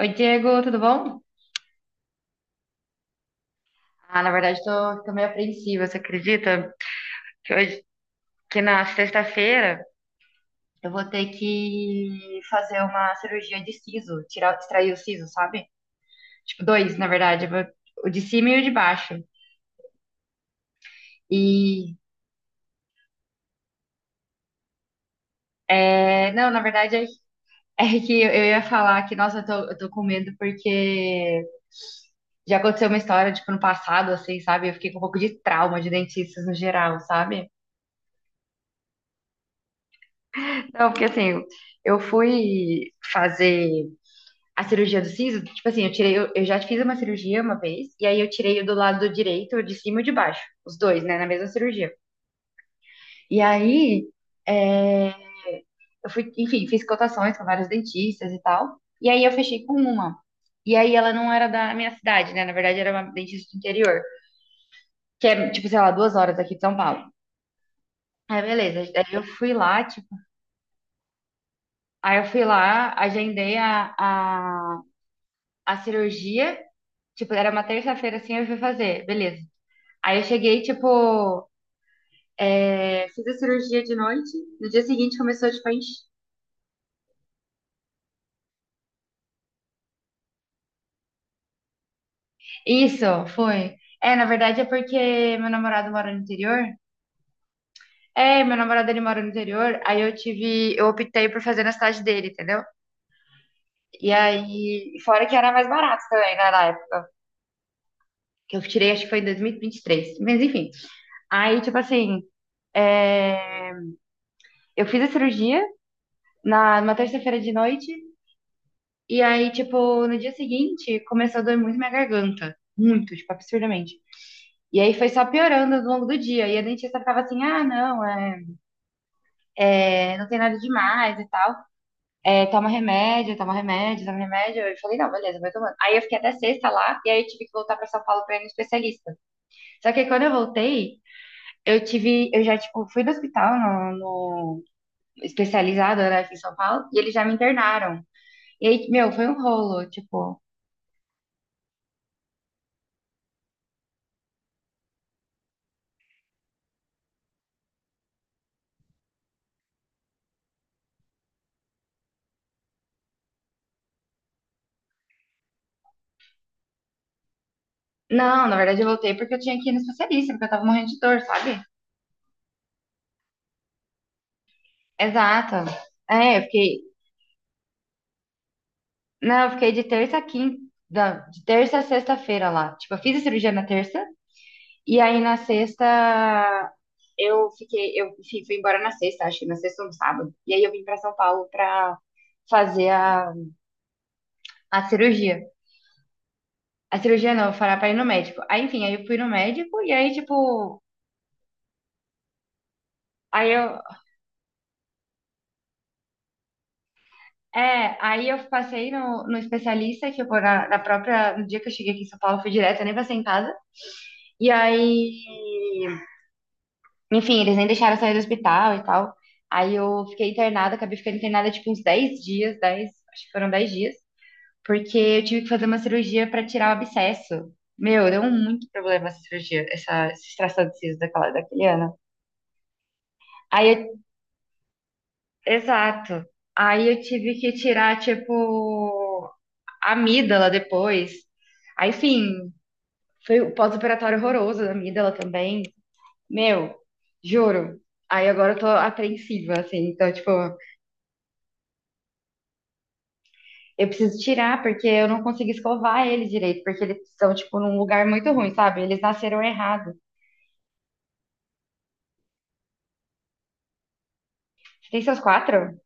Oi, Diego, tudo bom? Ah, na verdade, tô meio apreensiva, você acredita? Que hoje, que na sexta-feira, eu vou ter que fazer uma cirurgia de siso, tirar, extrair o siso, sabe? Tipo, dois, na verdade, o de cima e o de baixo. E, é, não, na verdade, é, é que eu ia falar que, nossa, eu tô com medo porque já aconteceu uma história, tipo, no passado, assim, sabe? Eu fiquei com um pouco de trauma de dentistas no geral, sabe? Não, porque assim, eu fui fazer a cirurgia do siso, tipo assim, eu tirei, eu já fiz uma cirurgia uma vez, e aí eu tirei o do lado direito, o de cima e o de baixo, os dois, né, na mesma cirurgia. E aí, é, eu fui, enfim, fiz cotações com vários dentistas e tal, e aí eu fechei com uma. E aí ela não era da minha cidade, né, na verdade era uma dentista do interior, que é, tipo, sei lá, 2 horas aqui de São Paulo. Aí, beleza, aí eu fui lá, agendei a cirurgia. Tipo, era uma terça-feira assim, eu fui fazer, beleza. Aí eu cheguei, tipo, é, fiz a cirurgia de noite, no dia seguinte começou, tipo, a encher. Isso, foi. É, na verdade é porque meu namorado mora no interior. É, meu namorado ele mora no interior, aí eu tive, eu optei por fazer na cidade dele, entendeu? E aí, fora que era mais barato também, né, na época, que eu tirei, acho que foi em dois mil e vinte e três. Mas enfim. Aí, tipo assim, é, eu fiz a cirurgia numa terça-feira de noite. E aí, tipo, no dia seguinte, começou a doer muito minha garganta. Muito, tipo, absurdamente. E aí foi só piorando ao longo do dia. E a dentista ficava assim, ah, não, não tem nada demais e tal. É, toma remédio, toma remédio, toma remédio. Eu falei, não, beleza, vou tomando. Aí eu fiquei até sexta lá, e aí eu tive que voltar pra São Paulo pra ir no especialista. Só que aí quando eu voltei, eu tive, eu já, tipo, fui no hospital, no, no especializado, né, aqui em São Paulo, e eles já me internaram. E aí, meu, foi um rolo, tipo. Não, na verdade eu voltei porque eu tinha que ir no especialista, porque eu tava morrendo de dor, sabe? Exato. É, eu fiquei. Não, eu fiquei de terça a quinta. Não, de terça a sexta-feira lá. Tipo, eu fiz a cirurgia na terça, e aí na sexta eu fiquei. Eu fui embora na sexta, acho que na sexta ou no sábado. E aí eu vim pra São Paulo pra fazer a cirurgia. A cirurgia não, eu falar pra ir no médico. Aí, enfim, aí eu fui no médico, e aí, tipo. Aí eu, é, aí eu passei no especialista, que eu vou na própria. No dia que eu cheguei aqui em São Paulo, eu fui direto, eu nem passei em casa. E aí. Enfim, eles nem deixaram eu sair do hospital e tal. Aí eu fiquei internada, acabei ficando internada tipo uns 10 dias, 10, acho que foram 10 dias, porque eu tive que fazer uma cirurgia pra tirar o abscesso. Meu, deu muito problema essa cirurgia, essa extração de siso daquela, daquele ano. Aí eu, exato. Aí eu tive que tirar, tipo, amígdala depois. Aí, enfim, foi o pós-operatório horroroso da amígdala também. Meu, juro. Aí agora eu tô apreensiva, assim. Então, tipo, eu preciso tirar porque eu não consigo escovar ele direito, porque eles estão, tipo, num lugar muito ruim, sabe? Eles nasceram errado. Você tem seus quatro?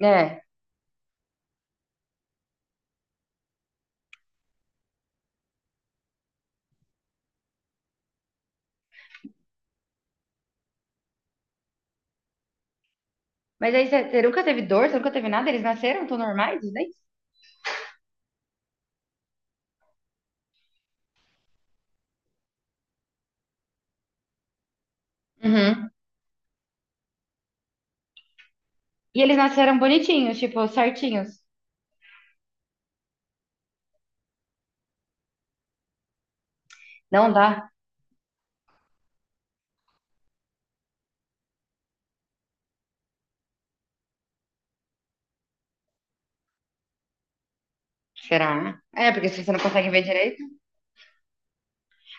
É. Mas aí você, você nunca teve dor, você nunca teve nada? Eles nasceram, tão normais, né? Uhum. E eles nasceram bonitinhos, tipo, certinhos. Não dá. Será? É, porque se você não consegue ver direito.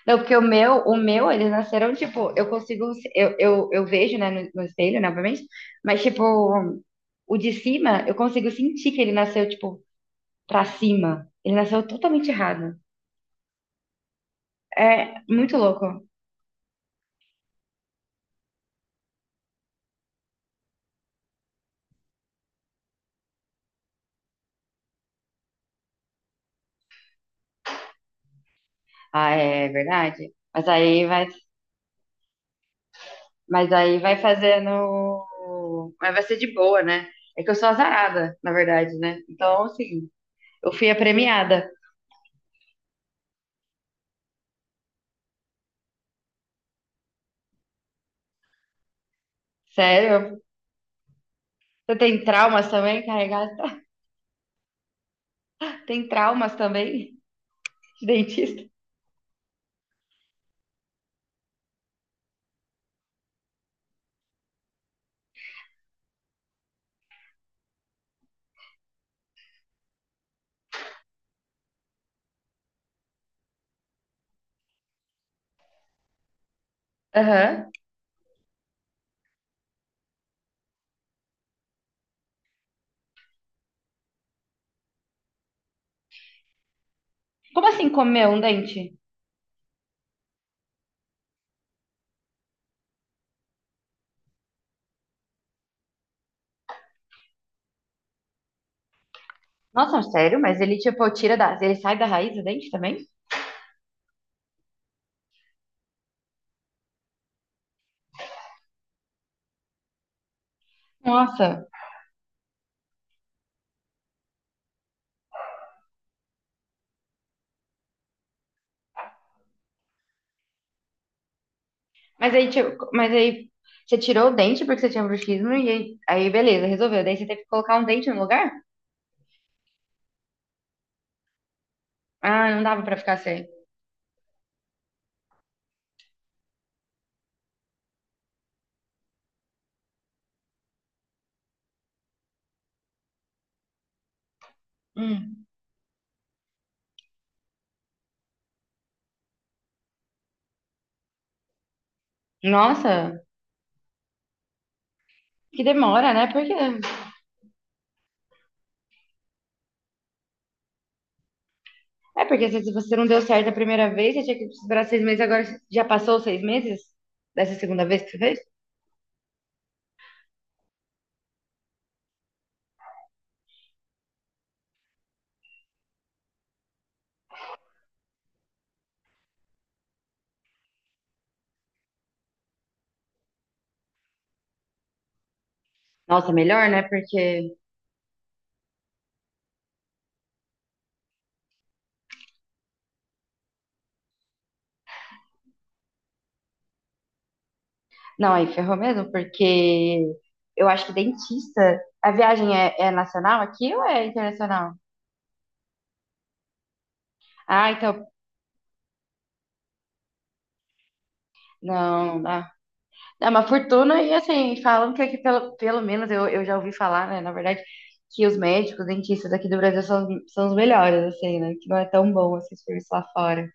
Não, porque eles nasceram, tipo, eu consigo, eu vejo, né, no espelho, né, obviamente, mas, tipo, o de cima, eu consigo sentir que ele nasceu, tipo, pra cima. Ele nasceu totalmente errado. É muito louco. Ah, é verdade. Mas aí vai fazendo, mas vai ser de boa, né? É que eu sou azarada, na verdade, né? Então, assim, eu fui a premiada. Sério? Você tem traumas também, carregada? Tem traumas também de dentista? Aham. Como assim comer um dente? Nossa, sério? Mas ele, tipo, tira da... Ele sai da raiz do dente também? Nossa. Mas aí você tirou o dente porque você tinha bruxismo e aí, beleza, resolveu. Daí você teve que colocar um dente no lugar? Ah, não dava pra ficar sem. Hum. Nossa, que demora, né? Por quê? É porque se você não deu certo a primeira vez, você tinha que esperar 6 meses, agora já passou os 6 meses dessa segunda vez que você fez? Nossa, melhor, né? Porque. Não, aí ferrou mesmo, porque eu acho que dentista. A viagem é, é nacional aqui ou é internacional? Ah, então. Não, dá, uma fortuna e assim, falam que aqui, pelo menos, eu já ouvi falar, né? Na verdade, que os médicos, dentistas aqui do Brasil são os melhores, assim, né? Que não é tão bom assim, o serviço lá fora.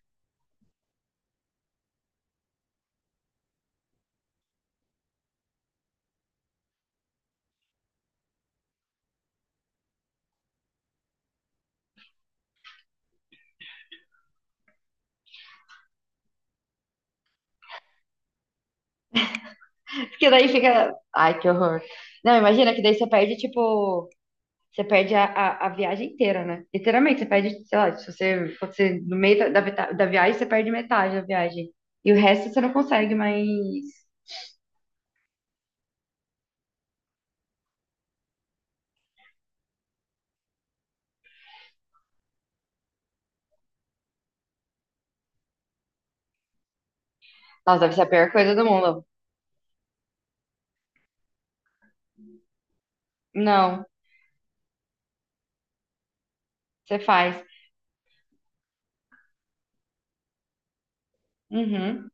Porque daí fica. Ai, que horror. Não, imagina que daí você perde, tipo, você perde a viagem inteira, né? Literalmente, você perde, sei lá, se você, quando você no meio da, da viagem, você perde metade da viagem. E o resto você não consegue mais. Nossa, deve ser a pior coisa do mundo. Não, você faz. Uhum.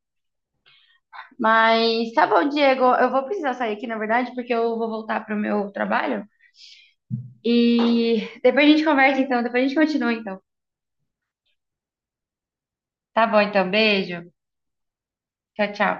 Mas tá bom, Diego. Eu vou precisar sair aqui, na verdade, porque eu vou voltar pro meu trabalho. E depois a gente conversa, então. Depois a gente continua, então. Tá bom, então. Beijo. Tchau, tchau.